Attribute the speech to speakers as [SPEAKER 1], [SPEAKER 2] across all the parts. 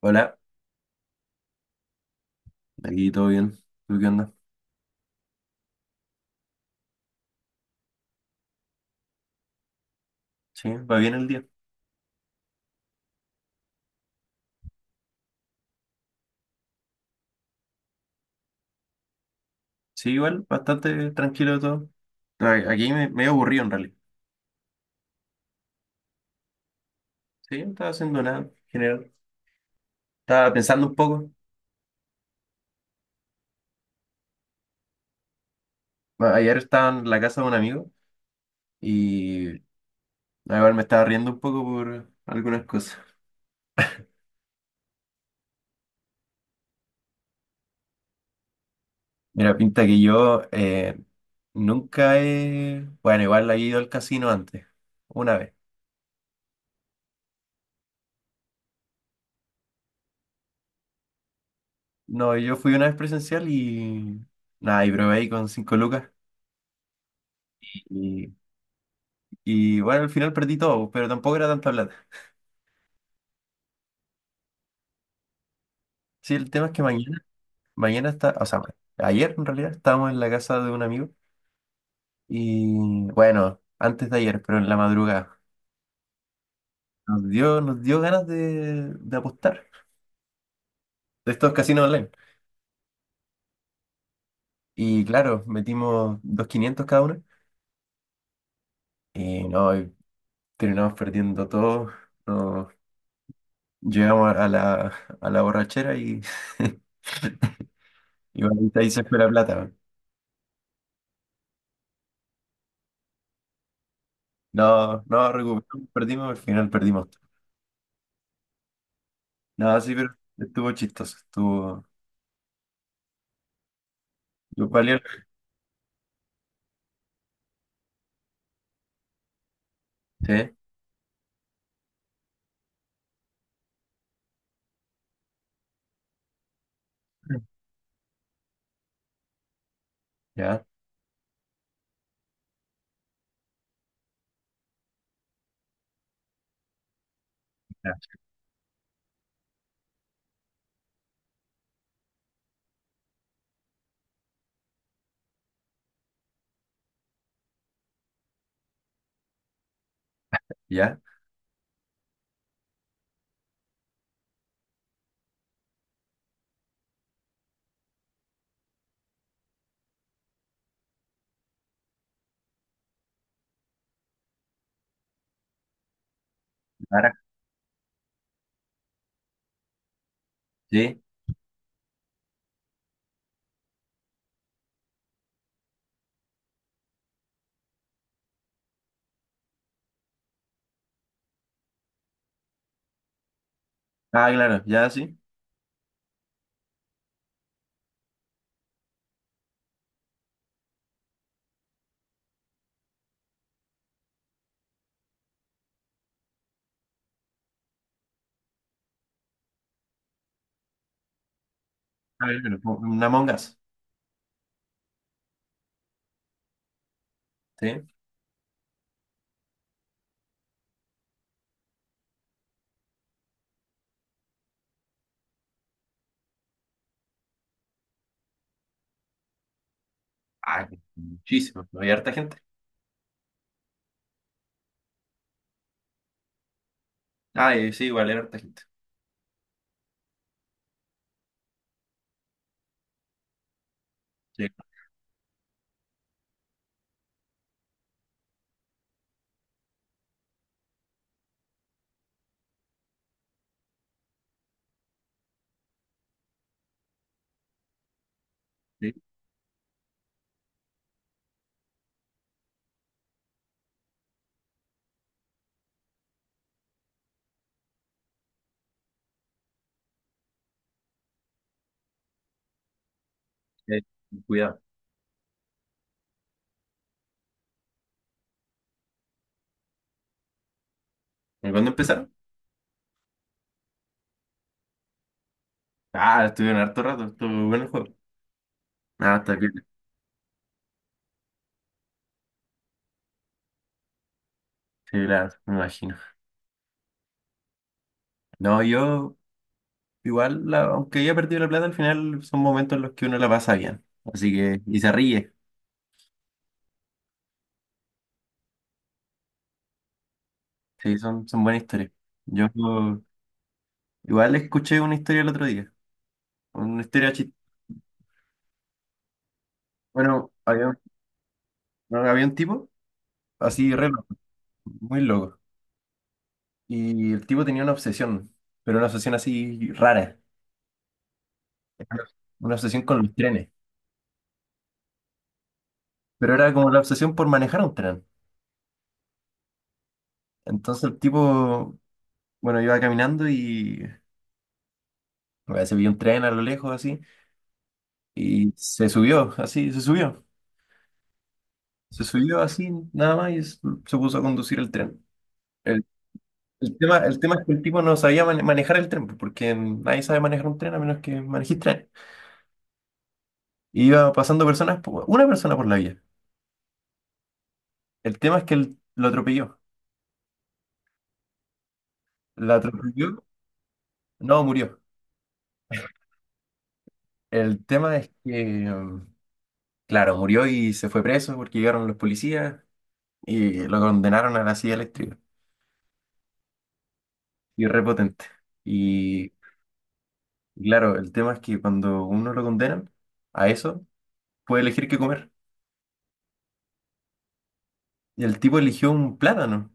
[SPEAKER 1] Hola, aquí todo bien. ¿Tú qué onda? Sí, va bien el día. Sí, igual, bastante tranquilo todo. Aquí me, medio aburrido en realidad. Sí, no estaba haciendo nada en general. Estaba pensando un poco. Ayer estaba en la casa de un amigo y a ver, me estaba riendo un poco por algunas cosas. Mira, pinta que yo nunca he... Bueno, igual he ido al casino antes, una vez. No, yo fui una vez presencial y... Nada, y probé ahí con cinco lucas. Y, y, bueno, al final perdí todo, pero tampoco era tanta plata. Sí, el tema es que mañana está, o sea, ayer en realidad estábamos en la casa de un amigo y bueno, antes de ayer, pero en la madrugada, nos dio ganas de apostar de estos casinos online. Y claro, metimos dos quinientos cada uno y no, y terminamos perdiendo todo. No, llegamos a a la borrachera y, y bueno, ahí se fue la plata. No, no recuperamos, perdimos, al final perdimos todo. No, sí, pero estuvo chistoso, estuvo valioso, sí. Ya, ya, ya, Lara, sí. Ah, claro, ya sí. Ah, claro, como una Among Us, sí. Ah, muchísimo, ¿no? Hay harta gente. Ah, sí, igual hay harta gente. Sí, sí, eh, cuidado. ¿Y cuándo empezaron? Ah, estuvieron harto rato, estuvo bueno el juego. Ah, está bien. Sí, claro, me imagino. No, yo, igual, aunque haya perdido la plata, al final son momentos en los que uno la pasa bien. Así que, y se ríe. Sí, son buenas historias. Yo, igual, escuché una historia el otro día, una historia chistosa. Bueno, había No había un tipo así re loco, muy loco. Y el tipo tenía una obsesión, pero una obsesión así rara. Una obsesión con los trenes. Pero era como la obsesión por manejar un tren. Entonces el tipo, bueno, iba caminando y bueno, se vio un tren a lo lejos así. Y se subió, así, se subió. Se subió así, nada más, se puso a conducir el tren. El, el tema es que el tipo no sabía manejar el tren, pues, porque nadie sabe manejar un tren a menos que manejes tren. Y iba pasando personas, una persona por la vía. El tema es que él lo atropelló. La atropelló. No, murió. El tema es que, mm, claro, murió y se fue preso porque llegaron los policías y lo condenaron a la silla eléctrica. Y repotente. Y claro, el tema es que cuando uno lo condenan a eso, puede elegir qué comer. Y el tipo eligió un plátano.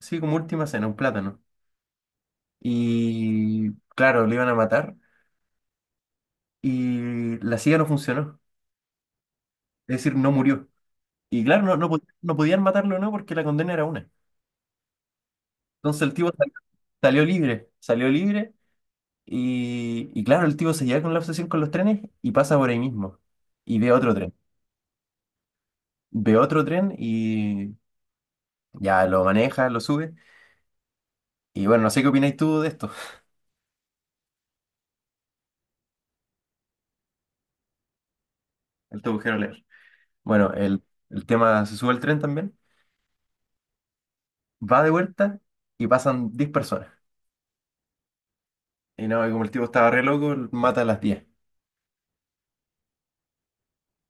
[SPEAKER 1] Sí, como última cena, un plátano. Y claro, le iban a matar y la silla no funcionó. Es decir, no murió. Y claro, no podían matarlo, ¿no? Porque la condena era una. Entonces el tipo salió libre y claro, el tipo se lleva con la obsesión con los trenes y pasa por ahí mismo y ve otro tren y ya lo maneja, lo sube y bueno, no sé qué opináis tú de esto, el te agujero leer. Bueno, el tema se sube al tren también, va de vuelta y pasan 10 personas y no, y como el tipo estaba re loco, mata a las 10,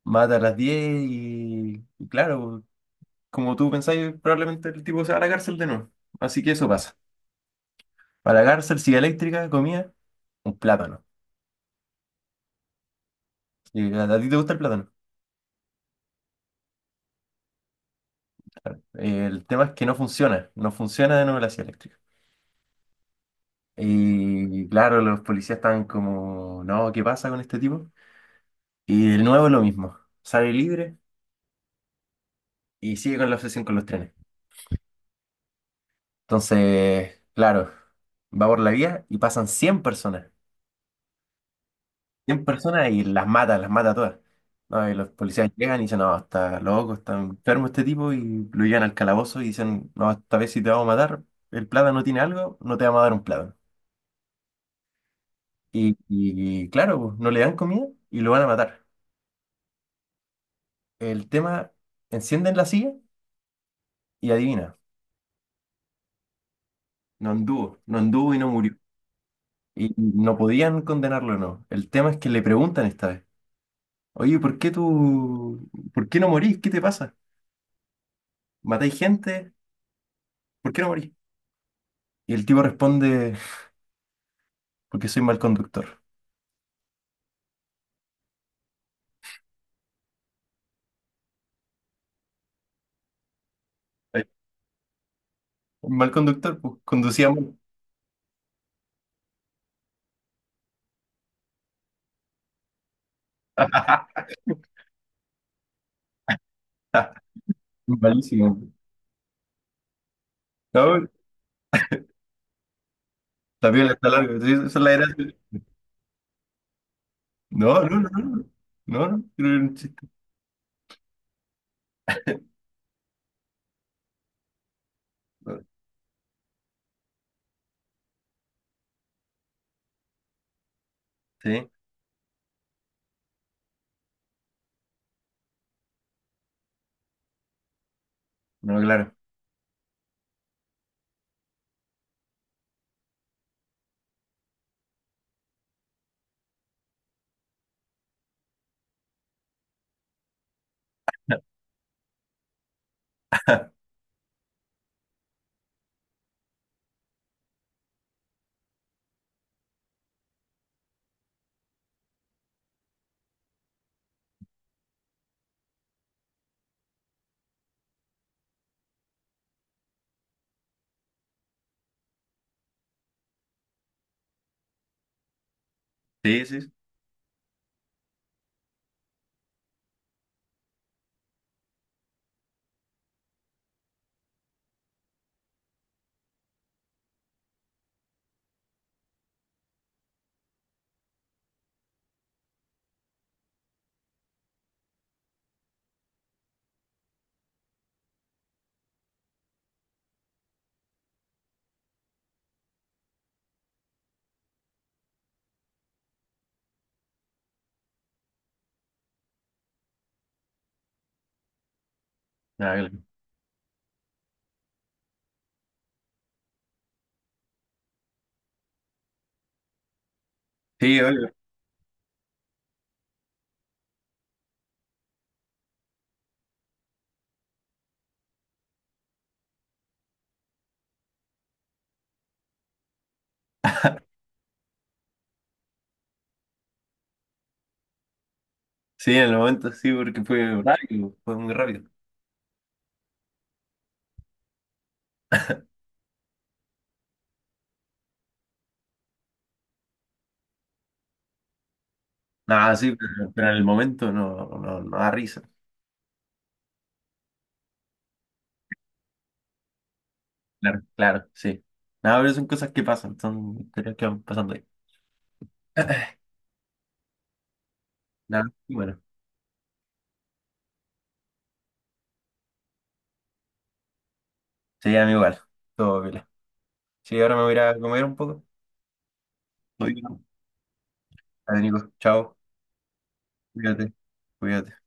[SPEAKER 1] mata a las 10 y claro, como tú pensáis, probablemente el tipo se va a la cárcel de nuevo, así que eso pasa. Para la cárcel silla eléctrica comía un plátano. Y a ti te gusta el plátano. El tema es que no funciona, no funciona de nuevo la silla eléctrica. Y claro, los policías estaban como, no, ¿qué pasa con este tipo? Y de nuevo lo mismo, sale libre y sigue con la obsesión con los trenes. Entonces, claro, va por la vía y pasan 100 personas. 100 personas y las mata todas. No, y los policías llegan y dicen, no, está loco, está enfermo este tipo, y lo llevan al calabozo y dicen, no, esta vez si te vamos a matar, el plátano tiene algo, no te vamos a dar un plátano. Y claro, pues, no le dan comida y lo van a matar. El tema, encienden la silla y adivina, no anduvo, no anduvo y no murió. Y no podían condenarlo, no. El tema es que le preguntan esta vez, oye, ¿por qué tú, por qué no morís? ¿Qué te pasa? ¿Matáis gente? ¿Por qué no morís? Y el tipo responde... porque soy mal conductor. Ay, mal conductor, pues conducía mal. Malísimo. No, la piola está larga. Sí, esa es la gracia. No, no, no, no. No, no, pero era un chiste. Sí, no, claro. Sí, sí, sí. Ah, claro. Sí, obvio. Sí, en el momento sí, porque fue rápido, fue muy rápido. Nada, sí, pero en el momento no, no, no da risa. Claro, claro, sí. Nada, pero son cosas que pasan, son historias que van pasando ahí. Nada, y bueno. Sí, a mí igual. Todo bien. Sí, ahora me voy a ir a comer un poco. Muy bien. Dale, Nico. Chao. Cuídate. Cuídate.